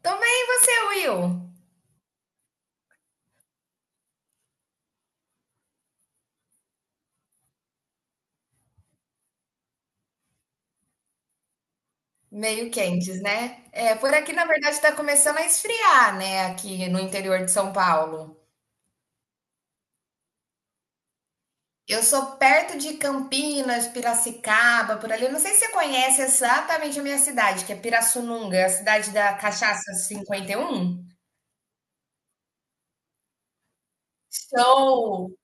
Também você, Will. Meio quentes, né? É, por aqui, na verdade, está começando a esfriar, né? Aqui no interior de São Paulo. Eu sou perto de Campinas, Piracicaba, por ali. Eu não sei se você conhece exatamente a minha cidade, que é Pirassununga, a cidade da Cachaça 51. Show!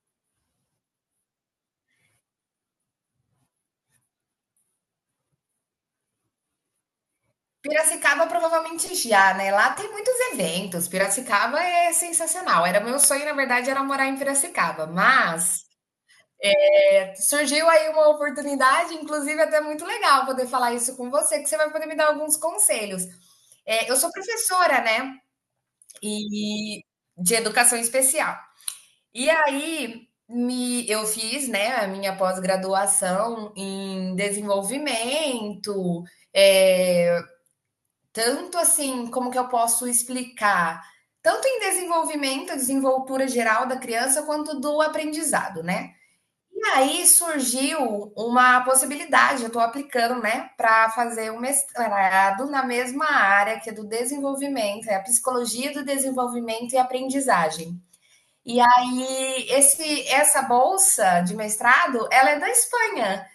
Piracicaba provavelmente já, né? Lá tem muitos eventos. Piracicaba é sensacional. Era meu sonho, na verdade, era morar em Piracicaba, mas surgiu aí uma oportunidade, inclusive até muito legal poder falar isso com você, que você vai poder me dar alguns conselhos. É, eu sou professora, né? E de educação especial. E aí eu fiz, né, a minha pós-graduação em desenvolvimento, é, tanto assim, como que eu posso explicar? Tanto em desenvolvimento, desenvoltura geral da criança, quanto do aprendizado, né? E aí surgiu uma possibilidade, eu estou aplicando, né, para fazer um mestrado na mesma área que é do desenvolvimento, é a psicologia do desenvolvimento e aprendizagem. E aí esse essa bolsa de mestrado, ela é da Espanha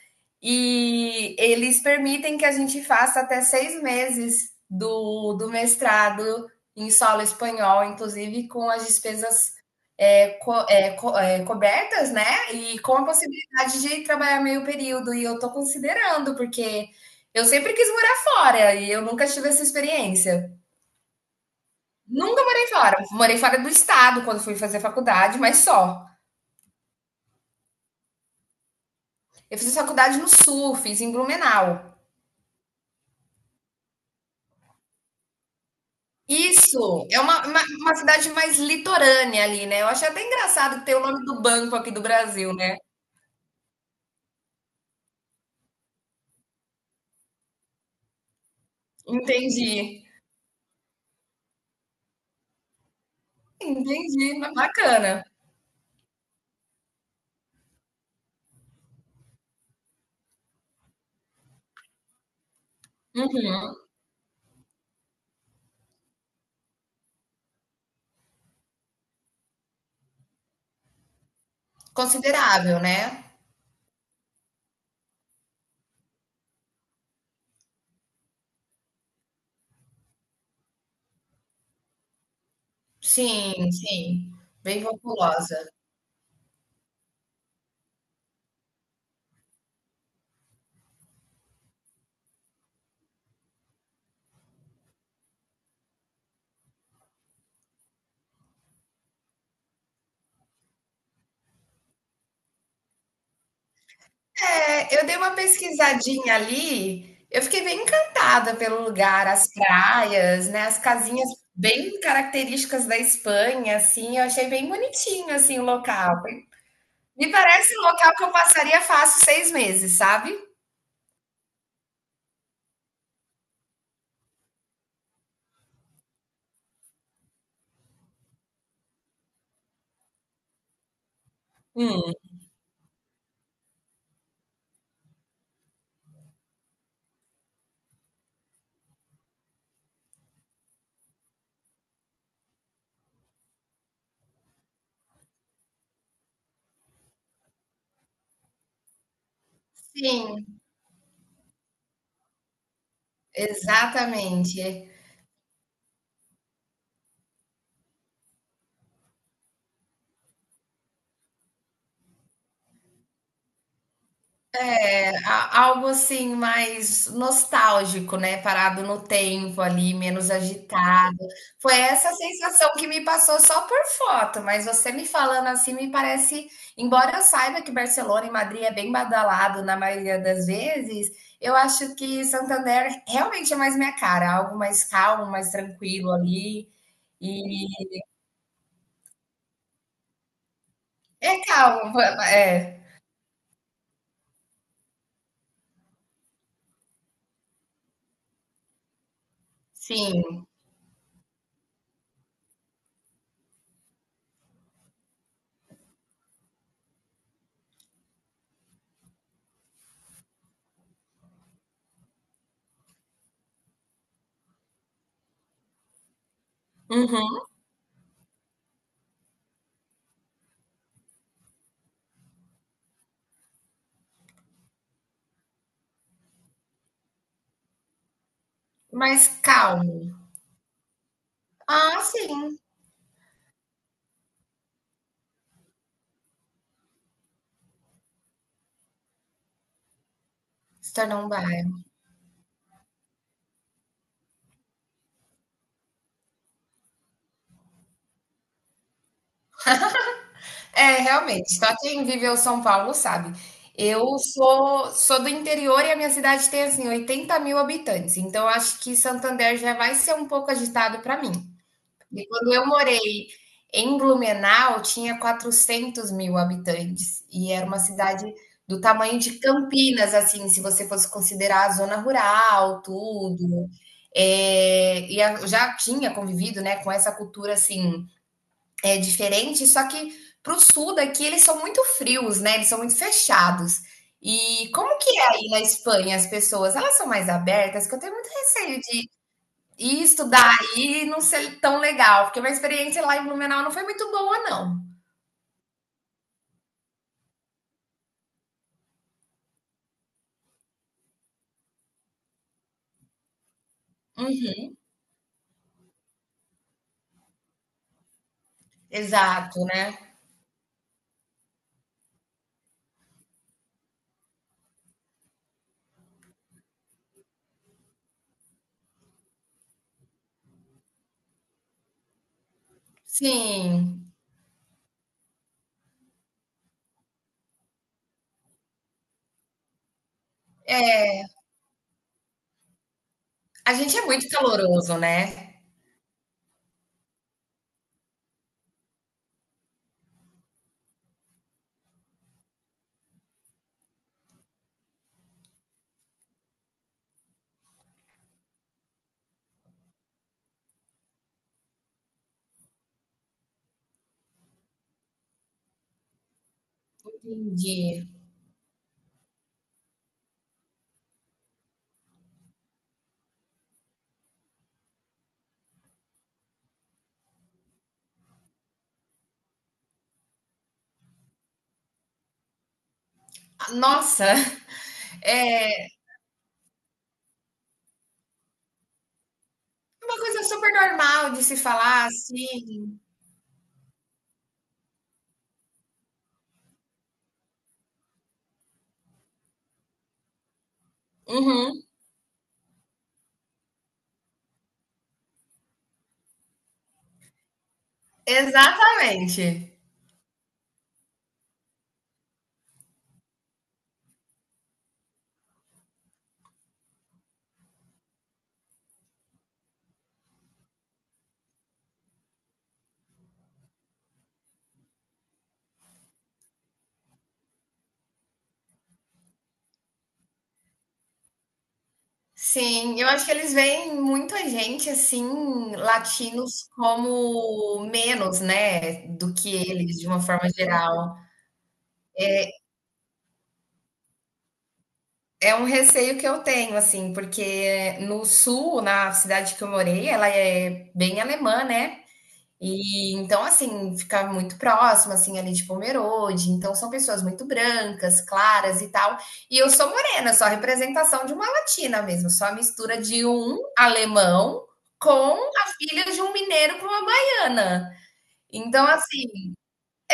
e eles permitem que a gente faça até 6 meses do mestrado em solo espanhol, inclusive com as despesas cobertas, né? E com a possibilidade de trabalhar meio período. E eu tô considerando, porque eu sempre quis morar fora e eu nunca tive essa experiência. Nunca morei fora. Morei fora do estado quando fui fazer faculdade, mas só. Eu fiz faculdade no sul, fiz em Blumenau. Isso é uma cidade mais litorânea ali, né? Eu achei até engraçado ter o nome do banco aqui do Brasil, né? Entendi. Entendi. Bacana. Uhum. Considerável, né? Sim, sim, bem populosa. É, eu dei uma pesquisadinha ali, eu fiquei bem encantada pelo lugar, as praias, né, as casinhas bem características da Espanha, assim, eu achei bem bonitinho, assim, o local. Me parece um local que eu passaria fácil 6 meses, sabe? Hum. Sim, exatamente. Algo assim mais nostálgico, né? Parado no tempo ali, menos agitado. Foi essa sensação que me passou só por foto, mas você me falando assim me parece, embora eu saiba que Barcelona e Madrid é bem badalado na maioria das vezes, eu acho que Santander realmente é mais minha cara, algo mais calmo, mais tranquilo ali. E é calmo, é, sim. Uhum. Mais calmo. Ah, sim. Se tornou um bar. É, realmente, só quem viveu São Paulo sabe. Eu sou do interior e a minha cidade tem, assim, 80 mil habitantes, então acho que Santander já vai ser um pouco agitado para mim. E quando eu morei em Blumenau, tinha 400 mil habitantes e era uma cidade do tamanho de Campinas, assim, se você fosse considerar a zona rural, tudo. É, e eu já tinha convivido, né, com essa cultura, assim, é diferente, só que para o sul daqui eles são muito frios, né? Eles são muito fechados. E como que é aí na Espanha as pessoas? Elas são mais abertas? Que eu tenho muito receio de ir estudar aí e não ser tão legal, porque minha experiência lá em Blumenau não foi muito boa, não. Uhum, exato, né? Sim, é, a gente é muito caloroso, né? Entendi. Nossa, é uma coisa super normal de se falar assim. Uhum, exatamente. Sim, eu acho que eles veem muita gente, assim, latinos como menos, né, do que eles, de uma forma geral. É um receio que eu tenho, assim, porque no sul, na cidade que eu morei, ela é bem alemã, né? E então, assim, fica muito próximo, assim, ali de Pomerode. Então, são pessoas muito brancas, claras e tal. E eu sou morena, só a representação de uma latina mesmo, só a mistura de um alemão com a filha de um mineiro com uma baiana. Então, assim,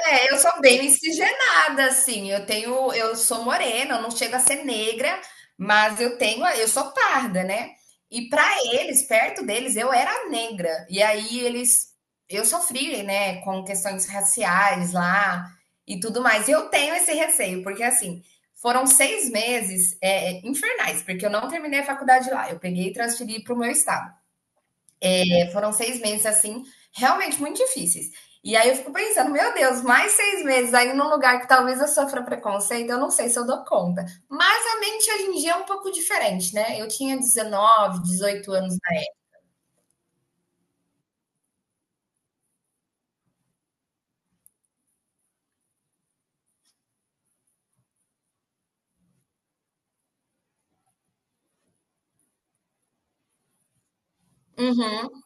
é, eu sou bem miscigenada, assim. Eu tenho, eu sou morena, eu não chego a ser negra, mas eu tenho, eu sou parda, né? E para eles, perto deles, eu era negra. E aí eles, eu sofri, né, com questões raciais lá e tudo mais. E eu tenho esse receio, porque assim, foram 6 meses infernais, porque eu não terminei a faculdade lá. Eu peguei e transferi para o meu estado. Foram seis meses assim, realmente muito difíceis. E aí eu fico pensando, meu Deus, mais 6 meses aí num lugar que talvez eu sofra preconceito, eu não sei se eu dou conta. Mas a mente hoje em dia é um pouco diferente, né? Eu tinha 19, 18 anos na época. Uhum,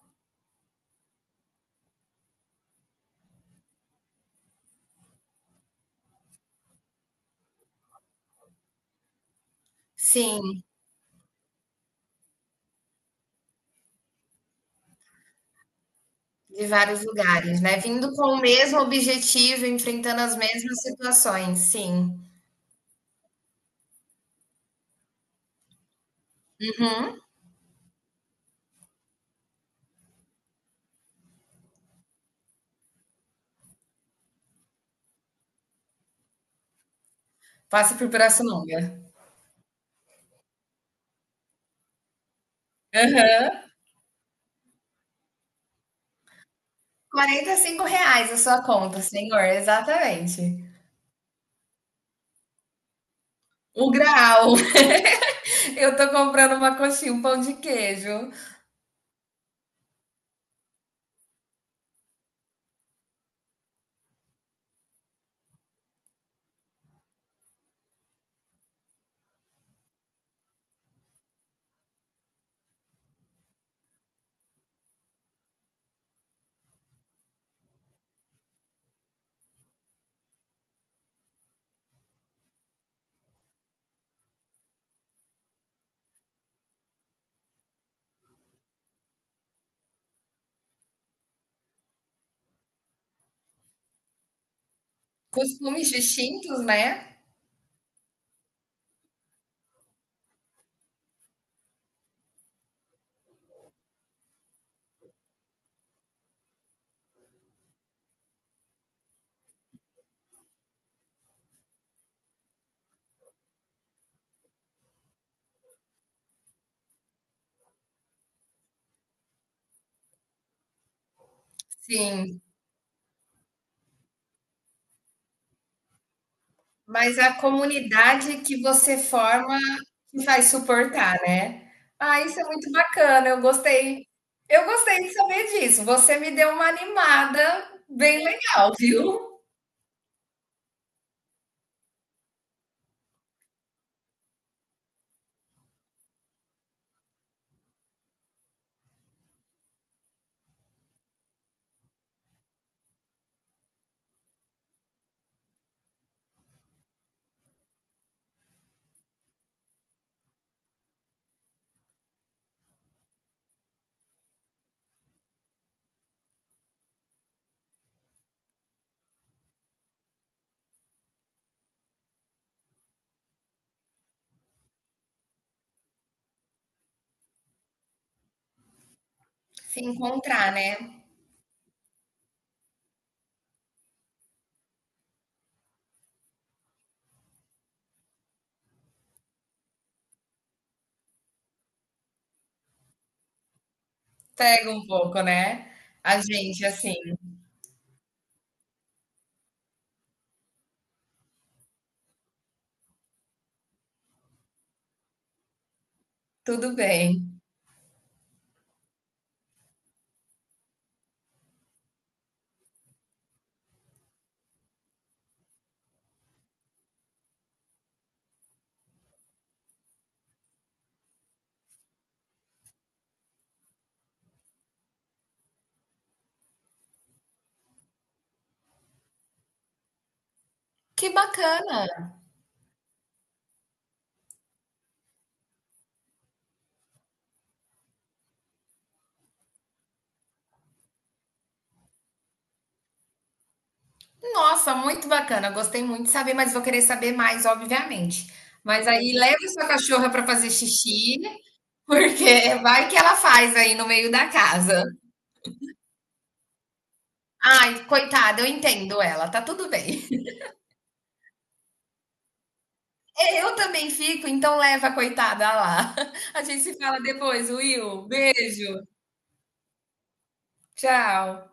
sim, de vários lugares, né? Vindo com o mesmo objetivo, enfrentando as mesmas situações, sim. Uhum. Passa por Pirassununga. Uhum. R$ 45 a sua conta, senhor, exatamente. O grau. Eu tô comprando uma coxinha, um pão de queijo. Costumes distintos, né? Sim, mas a comunidade que você forma que vai suportar, né? Ah, isso é muito bacana, eu gostei. Eu gostei de saber disso. Você me deu uma animada bem legal, viu? Se encontrar, né? Pega um pouco, né? A gente, assim, tudo bem. Que bacana! Nossa, muito bacana. Gostei muito de saber, mas vou querer saber mais, obviamente. Mas aí leve sua cachorra para fazer xixi, porque vai que ela faz aí no meio da casa. Ai, coitada, eu entendo ela, tá tudo bem. Eu também fico, então leva a coitada lá. A gente se fala depois, Will. Beijo. Tchau.